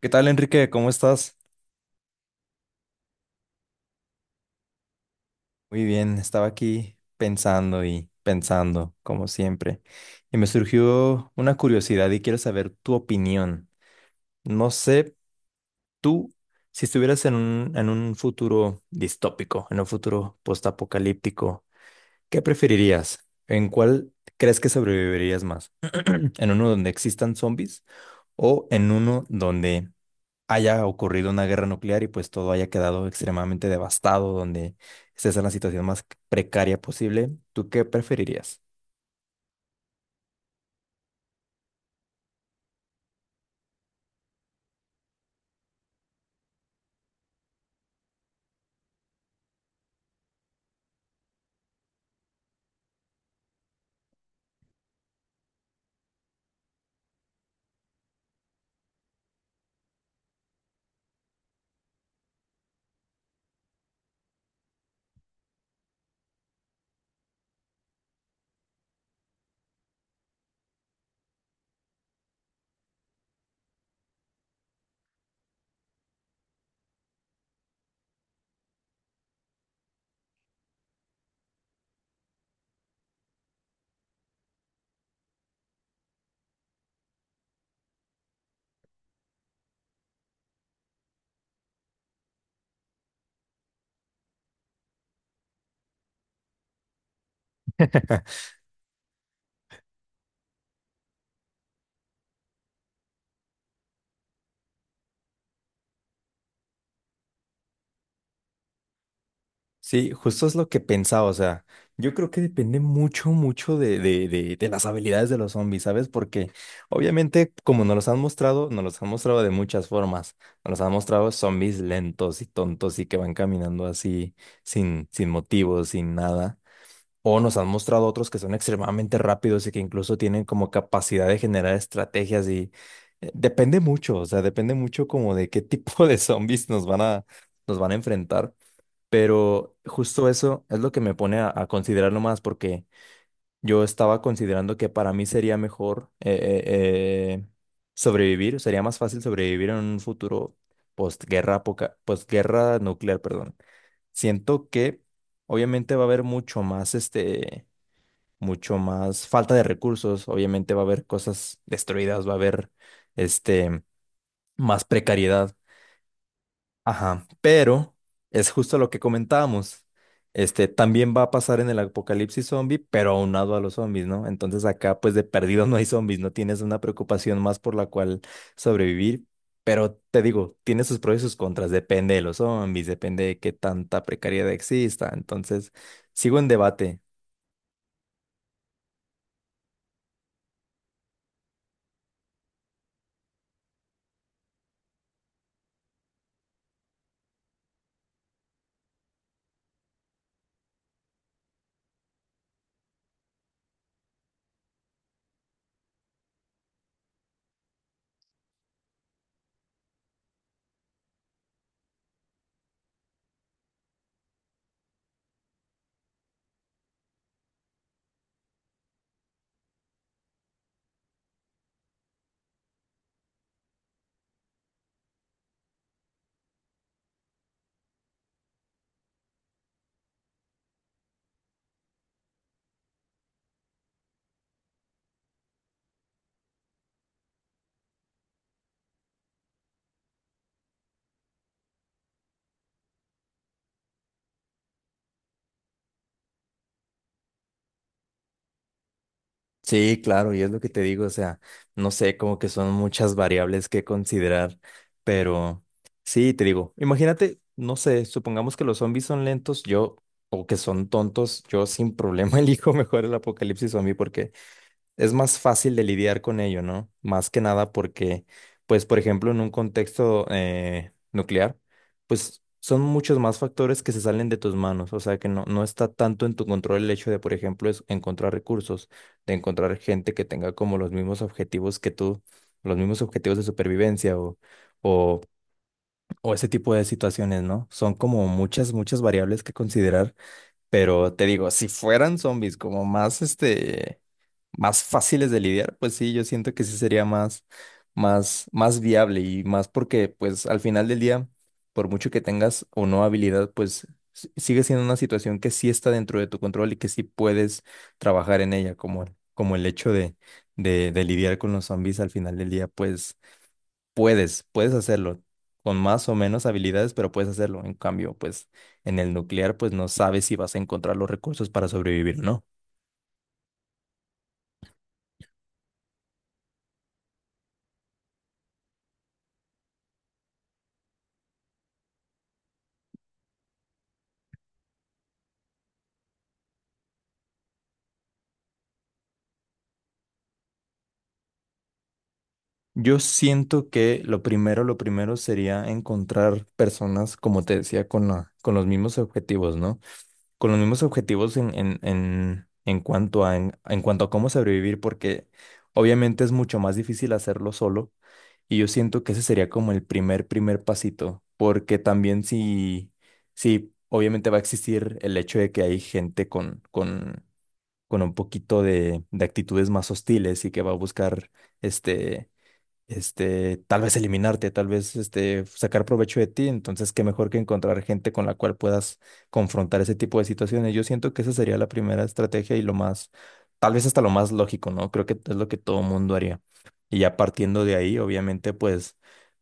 ¿Qué tal, Enrique? ¿Cómo estás? Muy bien, estaba aquí pensando y pensando, como siempre, y me surgió una curiosidad y quiero saber tu opinión. No sé, tú, si estuvieras en un futuro distópico, en un futuro postapocalíptico, ¿qué preferirías? ¿En cuál crees que sobrevivirías más? ¿En uno donde existan zombies o en uno donde haya ocurrido una guerra nuclear y pues todo haya quedado extremadamente devastado, donde estés en la situación más precaria posible? ¿Tú qué preferirías? Sí, justo es lo que pensaba, o sea, yo creo que depende mucho, mucho de las habilidades de los zombies, ¿sabes? Porque obviamente, como nos los han mostrado, nos los han mostrado de muchas formas. Nos los han mostrado zombies lentos y tontos y que van caminando así sin motivo, sin nada. O nos han mostrado otros que son extremadamente rápidos y que incluso tienen como capacidad de generar estrategias y depende mucho, o sea, depende mucho como de qué tipo de zombies nos van nos van a enfrentar. Pero justo eso es lo que me pone a considerarlo más porque yo estaba considerando que para mí sería mejor sobrevivir, sería más fácil sobrevivir en un futuro postguerra, postguerra nuclear, perdón. Siento que obviamente va a haber mucho más mucho más falta de recursos, obviamente va a haber cosas destruidas, va a haber este más precariedad. Ajá, pero es justo lo que comentábamos. Este también va a pasar en el apocalipsis zombie, pero aunado a los zombies, ¿no? Entonces acá pues de perdido no hay zombies, no tienes una preocupación más por la cual sobrevivir, pero te digo, tiene sus pros y sus contras, depende de los zombies, depende de qué tanta precariedad exista. Entonces, sigo en debate. Sí, claro, y es lo que te digo, o sea, no sé, como que son muchas variables que considerar, pero sí, te digo, imagínate, no sé, supongamos que los zombies son lentos, yo, o que son tontos, yo sin problema elijo mejor el apocalipsis zombie porque es más fácil de lidiar con ello, ¿no? Más que nada porque, pues, por ejemplo, en un contexto nuclear, pues son muchos más factores que se salen de tus manos, o sea que no, no está tanto en tu control el hecho de, por ejemplo, es encontrar recursos, de encontrar gente que tenga como los mismos objetivos que tú, los mismos objetivos de supervivencia o, o ese tipo de situaciones, ¿no? Son como muchas, muchas variables que considerar, pero te digo, si fueran zombies como más, este, más fáciles de lidiar, pues sí, yo siento que sí sería más, más, más viable y más porque, pues, al final del día, por mucho que tengas o no habilidad, pues sigue siendo una situación que sí está dentro de tu control y que sí puedes trabajar en ella, como, como el hecho de lidiar con los zombies al final del día, pues puedes, puedes hacerlo con más o menos habilidades, pero puedes hacerlo. En cambio, pues en el nuclear, pues no sabes si vas a encontrar los recursos para sobrevivir o no. Yo siento que lo primero sería encontrar personas, como te decía, con la, con los mismos objetivos, ¿no? Con los mismos objetivos en cuanto a, en cuanto a cómo sobrevivir, porque obviamente es mucho más difícil hacerlo solo y yo siento que ese sería como el primer, primer pasito, porque también si, si obviamente va a existir el hecho de que hay gente con un poquito de actitudes más hostiles y que va a buscar este este, tal vez eliminarte, tal vez este, sacar provecho de ti. Entonces, qué mejor que encontrar gente con la cual puedas confrontar ese tipo de situaciones. Yo siento que esa sería la primera estrategia y lo más, tal vez hasta lo más lógico, ¿no? Creo que es lo que todo mundo haría. Y ya partiendo de ahí, obviamente, pues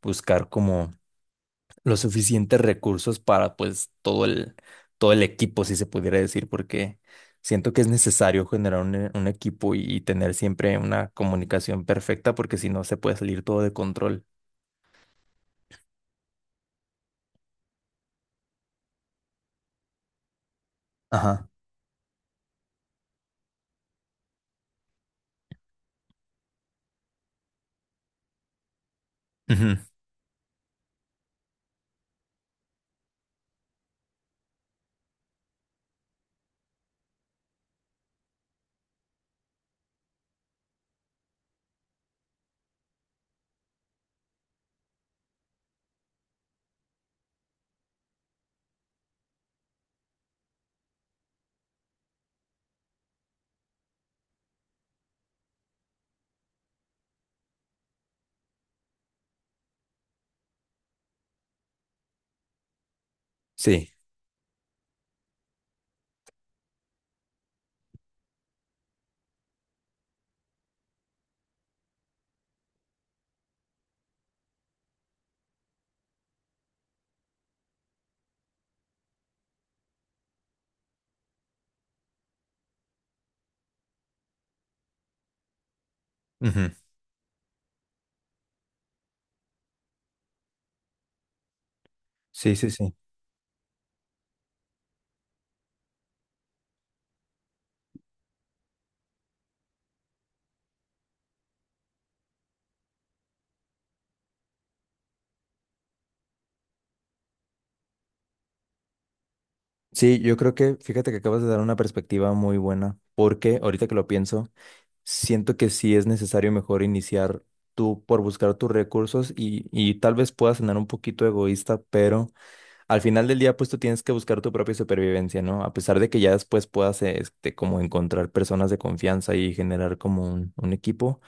buscar como los suficientes recursos para pues todo el equipo, si se pudiera decir, porque siento que es necesario generar un, un equipo y tener siempre una comunicación perfecta, porque si no se puede salir todo de control. Ajá. Ujú. Sí. Ujú. Sí, sí, sí. Sí, yo creo que, fíjate que acabas de dar una perspectiva muy buena, porque ahorita que lo pienso, siento que sí es necesario mejor iniciar tú por buscar tus recursos y tal vez pueda sonar un poquito egoísta, pero al final del día, pues tú tienes que buscar tu propia supervivencia, ¿no? A pesar de que ya después puedas, este, como encontrar personas de confianza y generar como un equipo,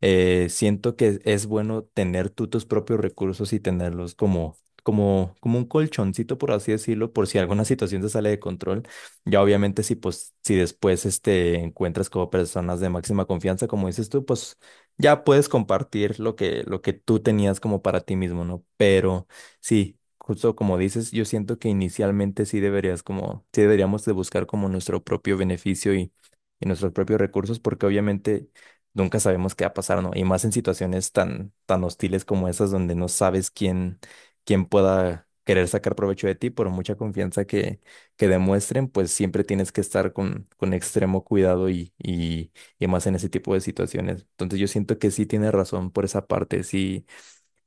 siento que es bueno tener tú tus propios recursos y tenerlos como, como un colchoncito, por así decirlo, por si alguna situación se sale de control. Ya obviamente si, pues, si después, este, encuentras como personas de máxima confianza, como dices tú, pues ya puedes compartir lo que tú tenías como para ti mismo, ¿no? Pero... Sí, justo como dices, yo siento que inicialmente sí deberías como, sí deberíamos de buscar como nuestro propio beneficio y nuestros propios recursos, porque obviamente nunca sabemos qué va a pasar, ¿no? Y más en situaciones tan, tan hostiles como esas donde no sabes quién, quién pueda querer sacar provecho de ti por mucha confianza que demuestren, pues siempre tienes que estar con extremo cuidado y, y más en ese tipo de situaciones. Entonces yo siento que sí tienes razón por esa parte, sí,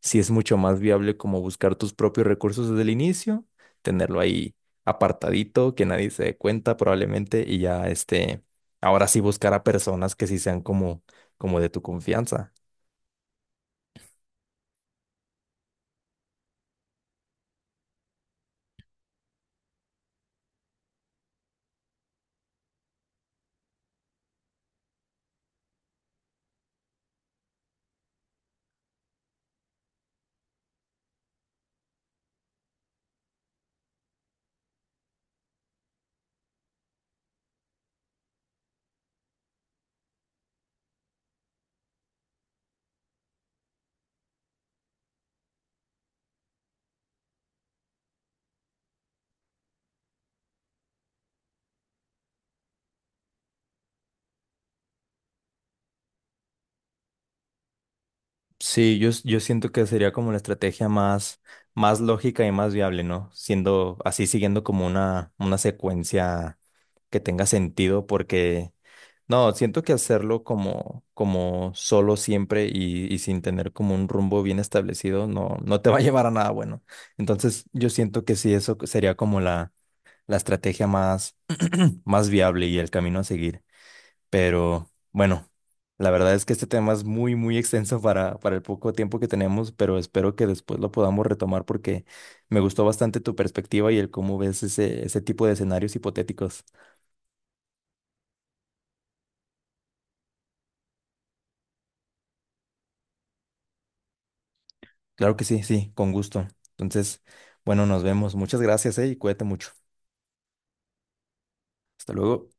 si es mucho más viable como buscar tus propios recursos desde el inicio, tenerlo ahí apartadito, que nadie se dé cuenta probablemente, y ya este, ahora sí buscar a personas que sí sean como, como de tu confianza. Sí, yo, yo siento que sería como la estrategia más, más lógica y más viable, ¿no? Siendo así, siguiendo como una secuencia que tenga sentido, porque no, siento que hacerlo como, como solo siempre y sin tener como un rumbo bien establecido no, no te va a llevar a nada bueno. Entonces, yo siento que sí, eso sería como la estrategia más, más viable y el camino a seguir. Pero bueno, la verdad es que este tema es muy, muy extenso para el poco tiempo que tenemos, pero espero que después lo podamos retomar porque me gustó bastante tu perspectiva y el cómo ves ese, ese tipo de escenarios hipotéticos. Claro que sí, sí, con gusto. Entonces, bueno, nos vemos. Muchas gracias, y cuídate mucho. Hasta luego.